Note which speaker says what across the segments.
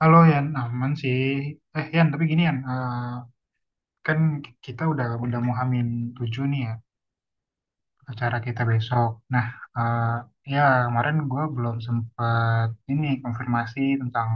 Speaker 1: Kalau Yan, aman sih. Eh Yan, tapi gini Yan, kan kita udah mau hamin tujuh nih ya acara kita besok. Nah, eh, ya kemarin gue belum sempet ini konfirmasi tentang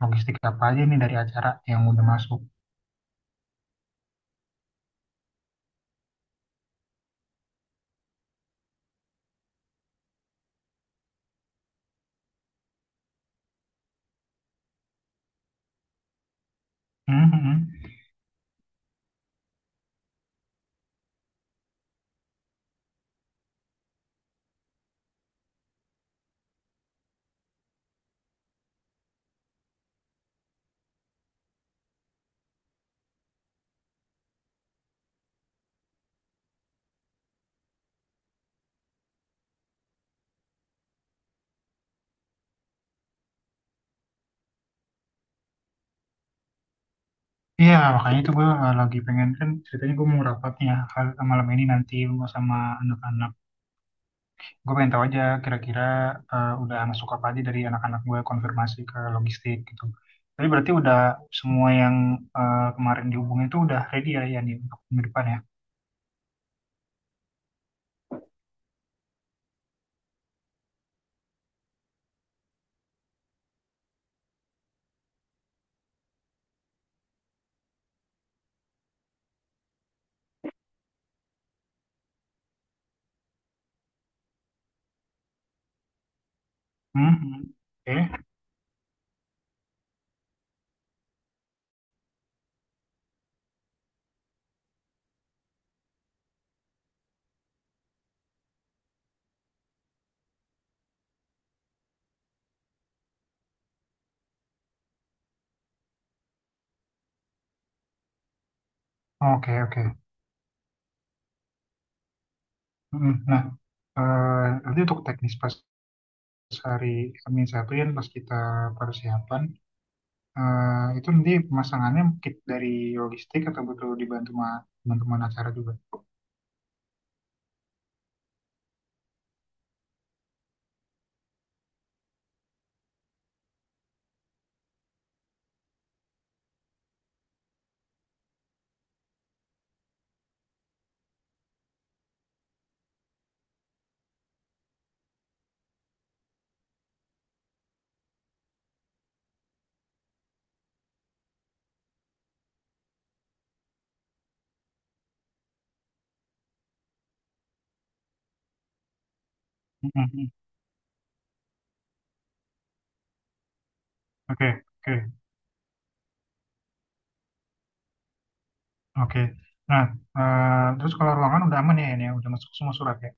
Speaker 1: logistik apa aja nih dari acara yang udah masuk. Mhm. Iya, makanya itu gue lagi pengen kan ceritanya gue mau rapat nih ya malam ini nanti gua sama anak-anak. Gue pengen tahu aja kira-kira udah masuk apa aja dari anak-anak gue konfirmasi ke logistik gitu. Tapi berarti udah semua yang kemarin dihubungin itu udah ready ya Yan, ya nih untuk minggu depan ya. Hmm. Hmm. Oke, oke, oke. Hmm. Nah, nanti untuk teknis pas hari Senin satu Yan, pas kita persiapan, itu nanti pemasangannya mungkin dari logistik atau butuh dibantu sama teman-teman acara juga. Hmm, hmm, hmm. Oke, oke. Oke. Nah, terus kalau ruangan udah aman ya ini ya, udah masuk semua surat ya.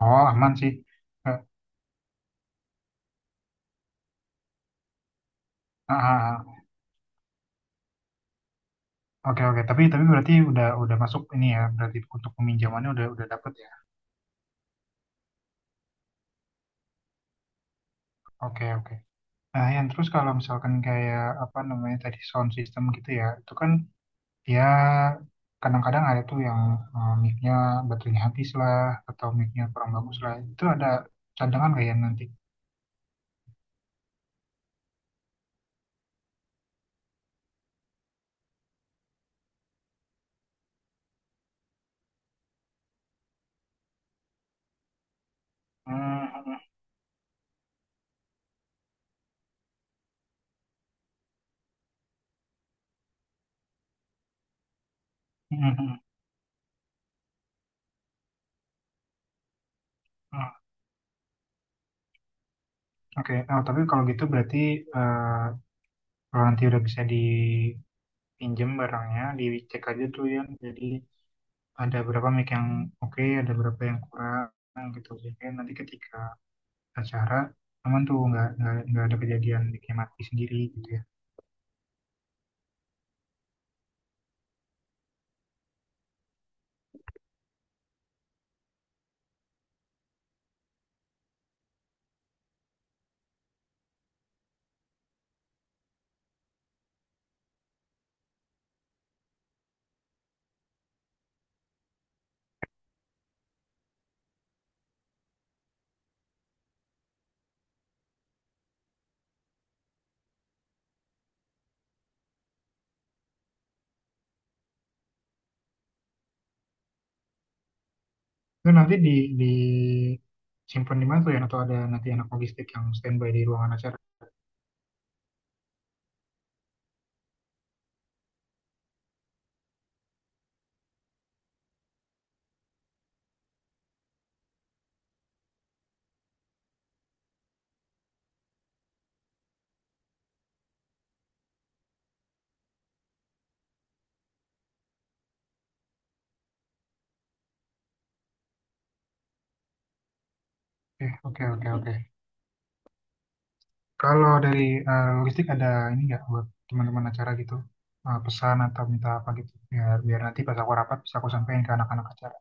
Speaker 1: Oh, aman sih. Eh, ah, ah, ah. Oke, oke. Tapi berarti udah masuk ini ya, berarti untuk peminjamannya udah dapet ya. Oke, oke. Nah, yang terus kalau misalkan kayak apa namanya tadi sound system gitu ya, itu kan ya kadang-kadang ada tuh yang, mic-nya baterainya habis lah, atau mic-nya kurang bagus lah. Itu ada cadangan kayak nanti. Hmm, hmm, hmm, hmm. Hmm. Oke. Nah, tapi kalau gitu berarti, eh, kalau nanti udah bisa dipinjem barangnya, dicek aja tuh ya. Jadi ada berapa mic yang oke, ada berapa yang kurang gitu. Jadi nanti ketika acara aman tuh nggak ada kejadian micnya mati sendiri gitu ya. Itu nanti di simpan di mana tuh ya? Atau ada nanti anak logistik yang standby di ruangan acara? Oke, oke, oke. Kalau dari, logistik ada ini nggak buat teman-teman acara gitu? Pesan atau minta apa gitu biar biar nanti pas aku rapat bisa aku sampaikan ke anak-anak acara.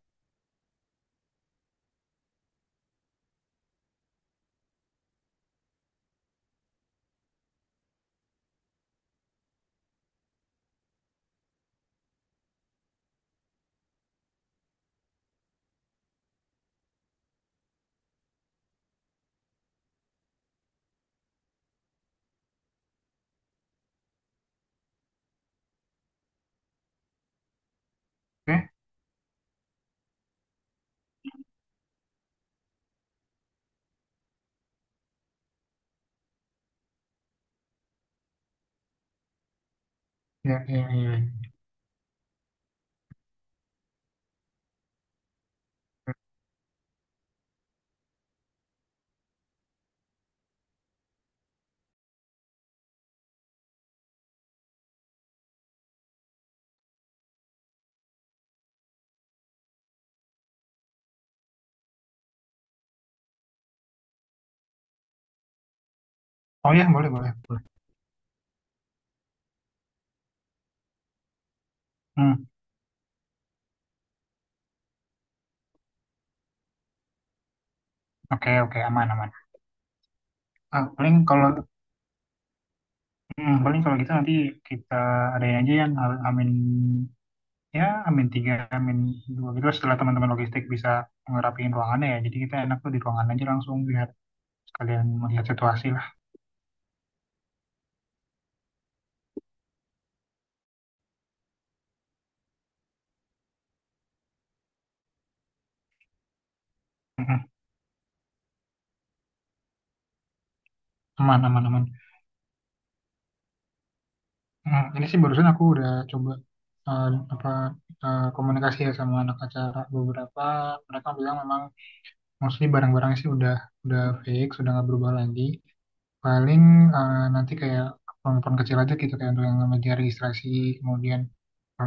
Speaker 1: Oke? Ya, ya, ya. Oh ya, boleh, boleh, boleh. Hmm. Oke, oke, aman, aman. Ah, paling kalau, gitu nanti kita adain aja yang amin, ya, amin tiga, amin dua gitu setelah teman-teman logistik bisa ngerapiin ruangannya ya. Jadi kita enak tuh di ruangan aja langsung biar sekalian melihat situasi lah. Hmm, aman, aman, aman. Hmm, ini sih barusan aku udah coba, eh, apa, komunikasi ya sama anak acara beberapa. Mereka bilang memang mostly barang-barangnya sih udah fix, udah nggak berubah lagi. Paling nanti kayak keperluan kecil aja gitu, kayak untuk yang media registrasi, kemudian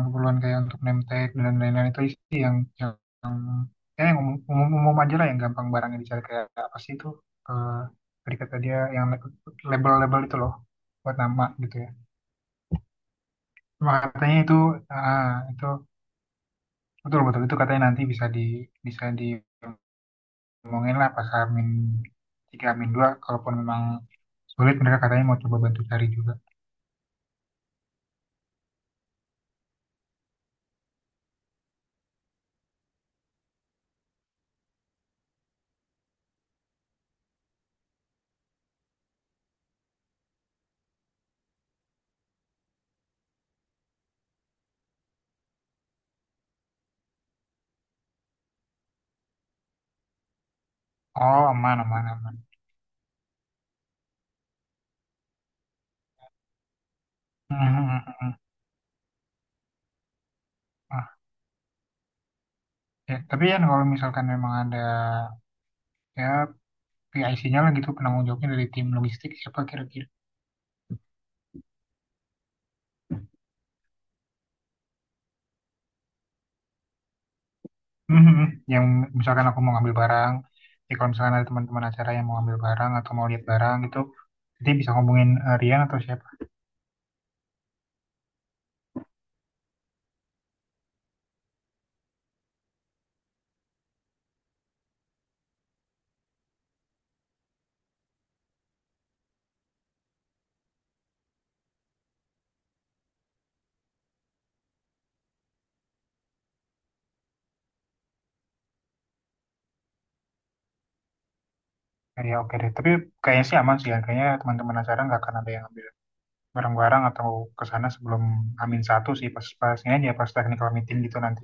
Speaker 1: keperluan kayak untuk name tag dan lain-lain, itu sih yang, ya, yang umum, umum, umum aja lah yang gampang barangnya dicari, kayak apa sih itu eh tadi kata dia yang label-label itu loh buat nama gitu ya. Cuma katanya itu, ah, itu betul betul itu katanya nanti bisa diomongin lah pas Amin tiga Amin dua, kalaupun memang sulit mereka katanya mau coba bantu cari juga. Oh, aman, aman, aman. Mhm. Ah, ya. Tapi kan kalau misalkan memang ada ya PIC-nya lah gitu, penanggung jawabnya dari tim logistik siapa kira-kira? Mhm. Yang misalkan aku mau ngambil barang, ya kalau misalkan ada teman-teman acara yang mau ngambil barang atau mau lihat barang gitu, nanti bisa ngomongin, Rian atau siapa. Ya, ya, oke deh. Tapi kayaknya sih aman sih ya. Kayaknya teman-teman acara nggak akan ada yang ngambil barang-barang atau ke sana sebelum Amin satu, sih pas-pasnya aja pas technical meeting gitu nanti.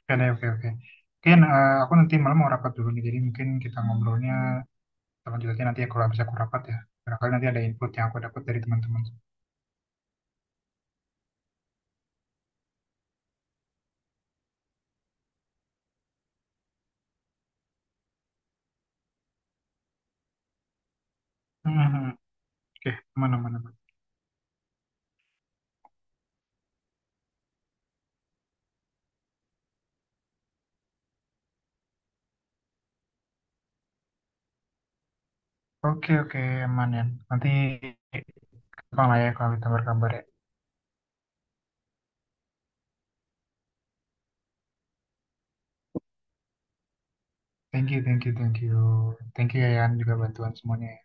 Speaker 1: Oke deh, oke, oke. Mungkin aku nanti malam mau rapat dulu nih, jadi mungkin kita ngobrolnya sama jelasnya nanti aku bisa aku rapat ya. Barangkali nanti ada input yang aku dapat dari teman-teman. Hmm, hmm. Oke, aman, aman, aman. Oke, oke, aman ya. Nanti gampang lah ya kalau kita kabar ya. Thank you, thank you, thank you. Thank you ya Yan juga bantuan semuanya. Ya.